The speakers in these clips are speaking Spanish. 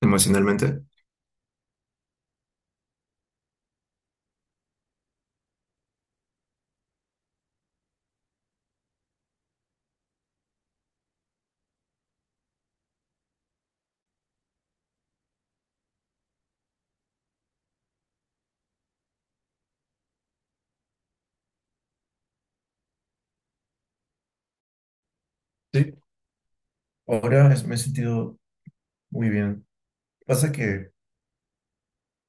Emocionalmente. Sí, ahora me he sentido muy bien. Pasa que,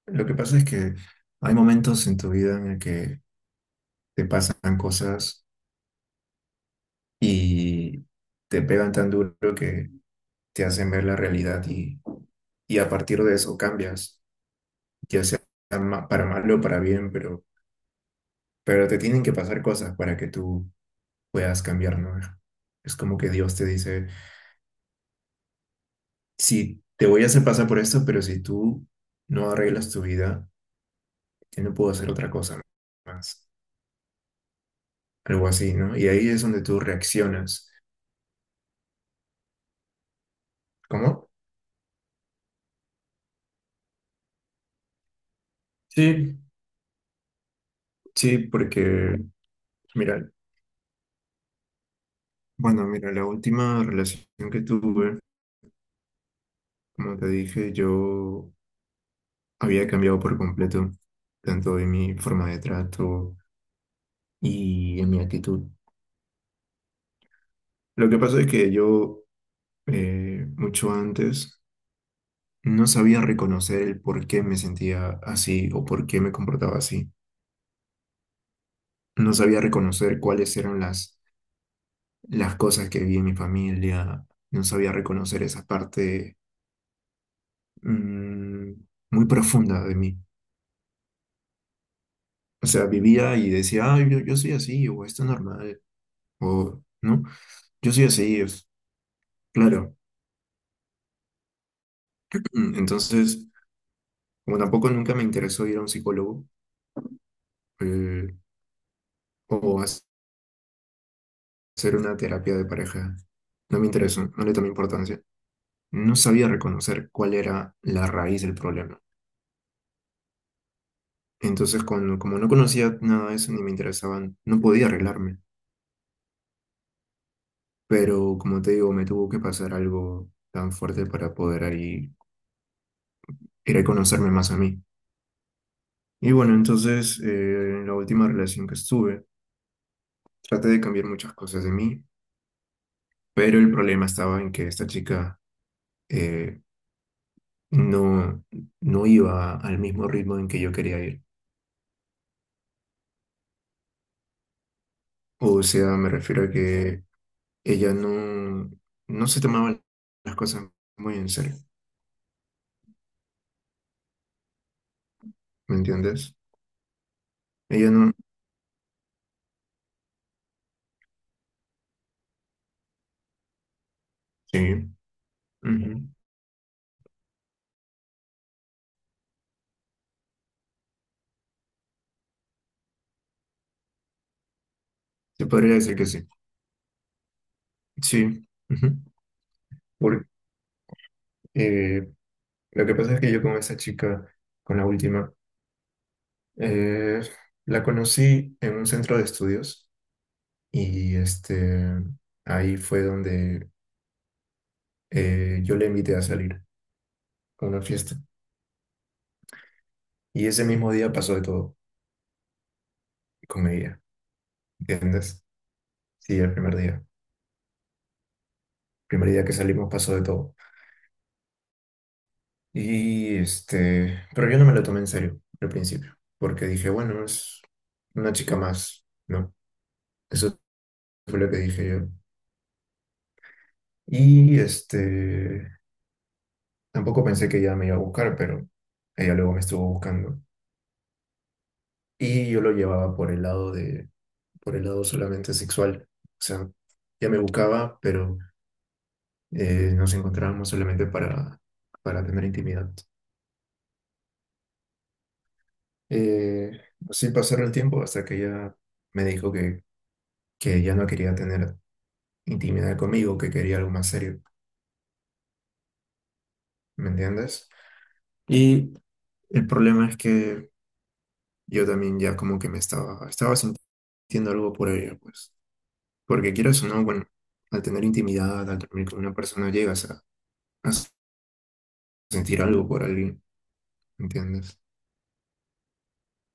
lo que pasa es que hay momentos en tu vida en el que te pasan cosas y te pegan tan duro que te hacen ver la realidad y a partir de eso cambias, ya sea para mal o para bien, pero te tienen que pasar cosas para que tú puedas cambiar, ¿no? Es como que Dios te dice, sí, te voy a hacer pasar por esto, pero si tú no arreglas tu vida, que no puedo hacer otra cosa más, algo así, ¿no? Y ahí es donde tú reaccionas. ¿Cómo? Sí, sí, porque, mira, bueno, mira, la última relación que tuve, como te dije, yo había cambiado por completo, tanto en mi forma de trato y en mi actitud. Lo que pasa es que yo, mucho antes, no sabía reconocer el por qué me sentía así o por qué me comportaba así. No sabía reconocer cuáles eran las cosas que vi en mi familia, no sabía reconocer esa parte mm, muy profunda de mí. O sea, vivía y decía, ah yo soy así, o esto es normal, o no, yo soy así, es claro. Entonces, como tampoco nunca me interesó ir a un psicólogo eh, o hacer una terapia de pareja, no me interesó, no le tomé importancia. No sabía reconocer cuál era la raíz del problema. Entonces, cuando, como no conocía nada de eso ni me interesaban, no podía arreglarme. Pero como te digo, me tuvo que pasar algo tan fuerte para poder ahí ir a conocerme más a mí. Y bueno, entonces en la última relación que estuve, traté de cambiar muchas cosas de mí, pero el problema estaba en que esta chica, eh, no, no iba al mismo ritmo en que yo quería ir. O sea, me refiero a que ella no se tomaba las cosas muy en serio, ¿me entiendes? Ella no... Sí, ujú. Se podría decir que sí. Sí, ujú. Eh, lo que pasa es que yo con esa chica, con la última, eh, la conocí en un centro de estudios y este, ahí fue donde, yo le invité a salir a una fiesta. Y ese mismo día pasó de todo con ella, ¿entiendes? Sí, el primer día. Primer día que salimos pasó de todo. Y este, pero yo no me lo tomé en serio al principio, porque dije, bueno, es una chica más, ¿no? Eso fue lo que dije yo. Y este, tampoco pensé que ella me iba a buscar, pero ella luego me estuvo buscando. Y yo lo llevaba por el lado por el lado solamente sexual. O sea, ella me buscaba, pero nos encontrábamos solamente para tener intimidad. Eh, así pasaron el tiempo hasta que ella me dijo que ella no quería tener intimidad conmigo, que quería algo más serio. ¿Me entiendes? Y el problema es que yo también ya como que me estaba sintiendo algo por ella, pues. Porque quieras o no, bueno, al tener intimidad, al dormir con una persona, llegas a sentir algo por alguien, ¿entiendes?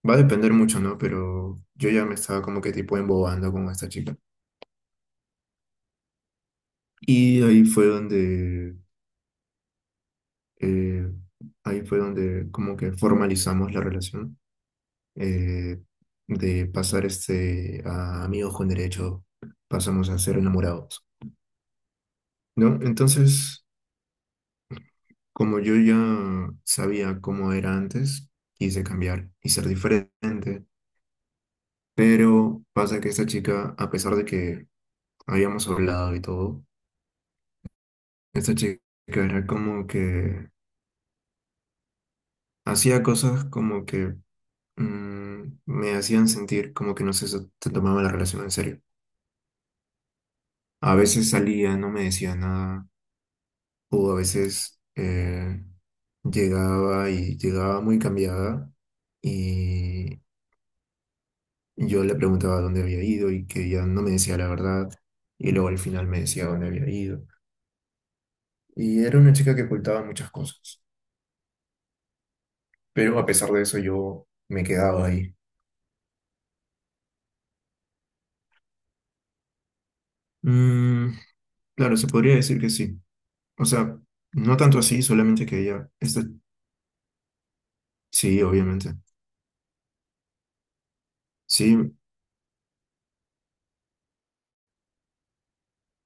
Va a depender mucho, ¿no? Pero yo ya me estaba como que tipo embobando con esta chica. Y eh, ahí fue donde como que formalizamos la relación, eh, de pasar este a amigos con derecho, pasamos a ser enamorados, ¿no? Entonces... Como yo ya sabía cómo era antes, quise cambiar y ser diferente. Pero pasa que esta chica, a pesar de que habíamos hablado y todo, esta chica era como que hacía cosas como que, me hacían sentir como que no se, se tomaba la relación en serio. A veces salía, no me decía nada, o a veces llegaba y llegaba muy cambiada y yo le preguntaba dónde había ido y que ella no me decía la verdad y luego al final me decía dónde había ido. Y era una chica que ocultaba muchas cosas, pero a pesar de eso yo me quedaba ahí. Mm, claro, se podría decir que sí. O sea, no tanto así, solamente que ella, esta, sí, obviamente. Sí,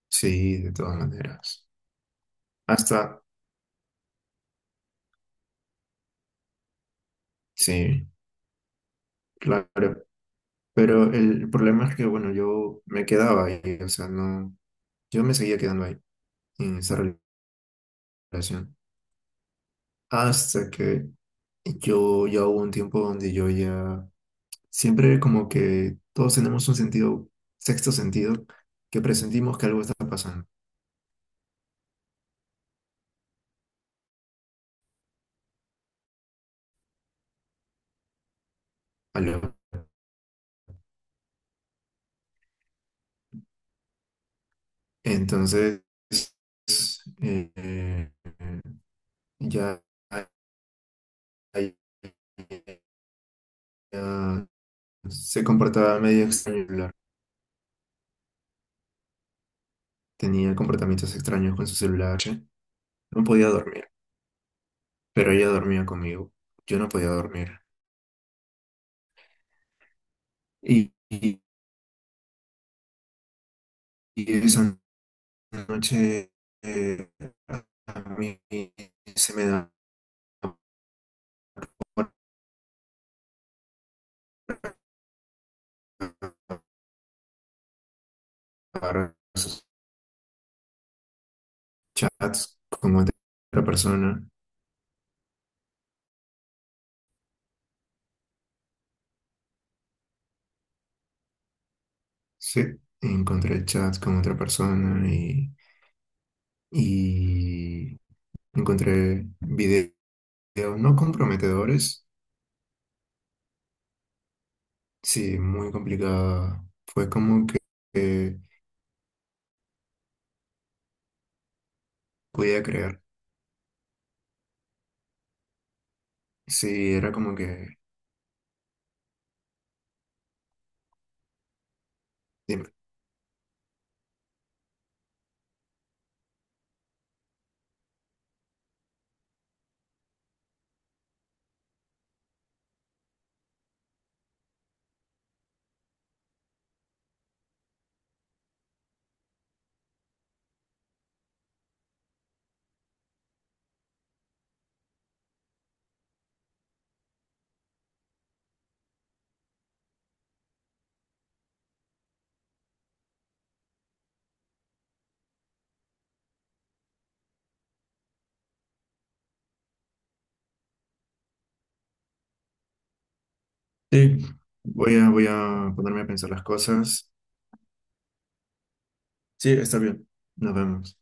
sí, de todas maneras. Hasta, sí, claro. Pero el problema es que, bueno, yo me quedaba ahí, o sea, no, yo me seguía quedando ahí en esa relación. Hasta que yo ya hubo un tiempo donde yo ya, siempre como que todos tenemos un sentido, sexto sentido, que presentimos que algo está pasando. Algo. Entonces, eh, eh, ya, ya se comportaba medio extraño el celular. Tenía comportamientos extraños con su celular. No podía dormir, pero ella dormía conmigo. Yo no podía dormir. Y, y- y eso la noche, eh, a mí se me da por ver esos chats con otra persona. Sí, encontré chats con otra persona y encontré videos no comprometedores. Sí, muy complicada. Fue como que eh, podía creer. Sí, era como que... Dime. Sí, voy a ponerme a pensar las cosas. Sí, está bien. Nos vemos.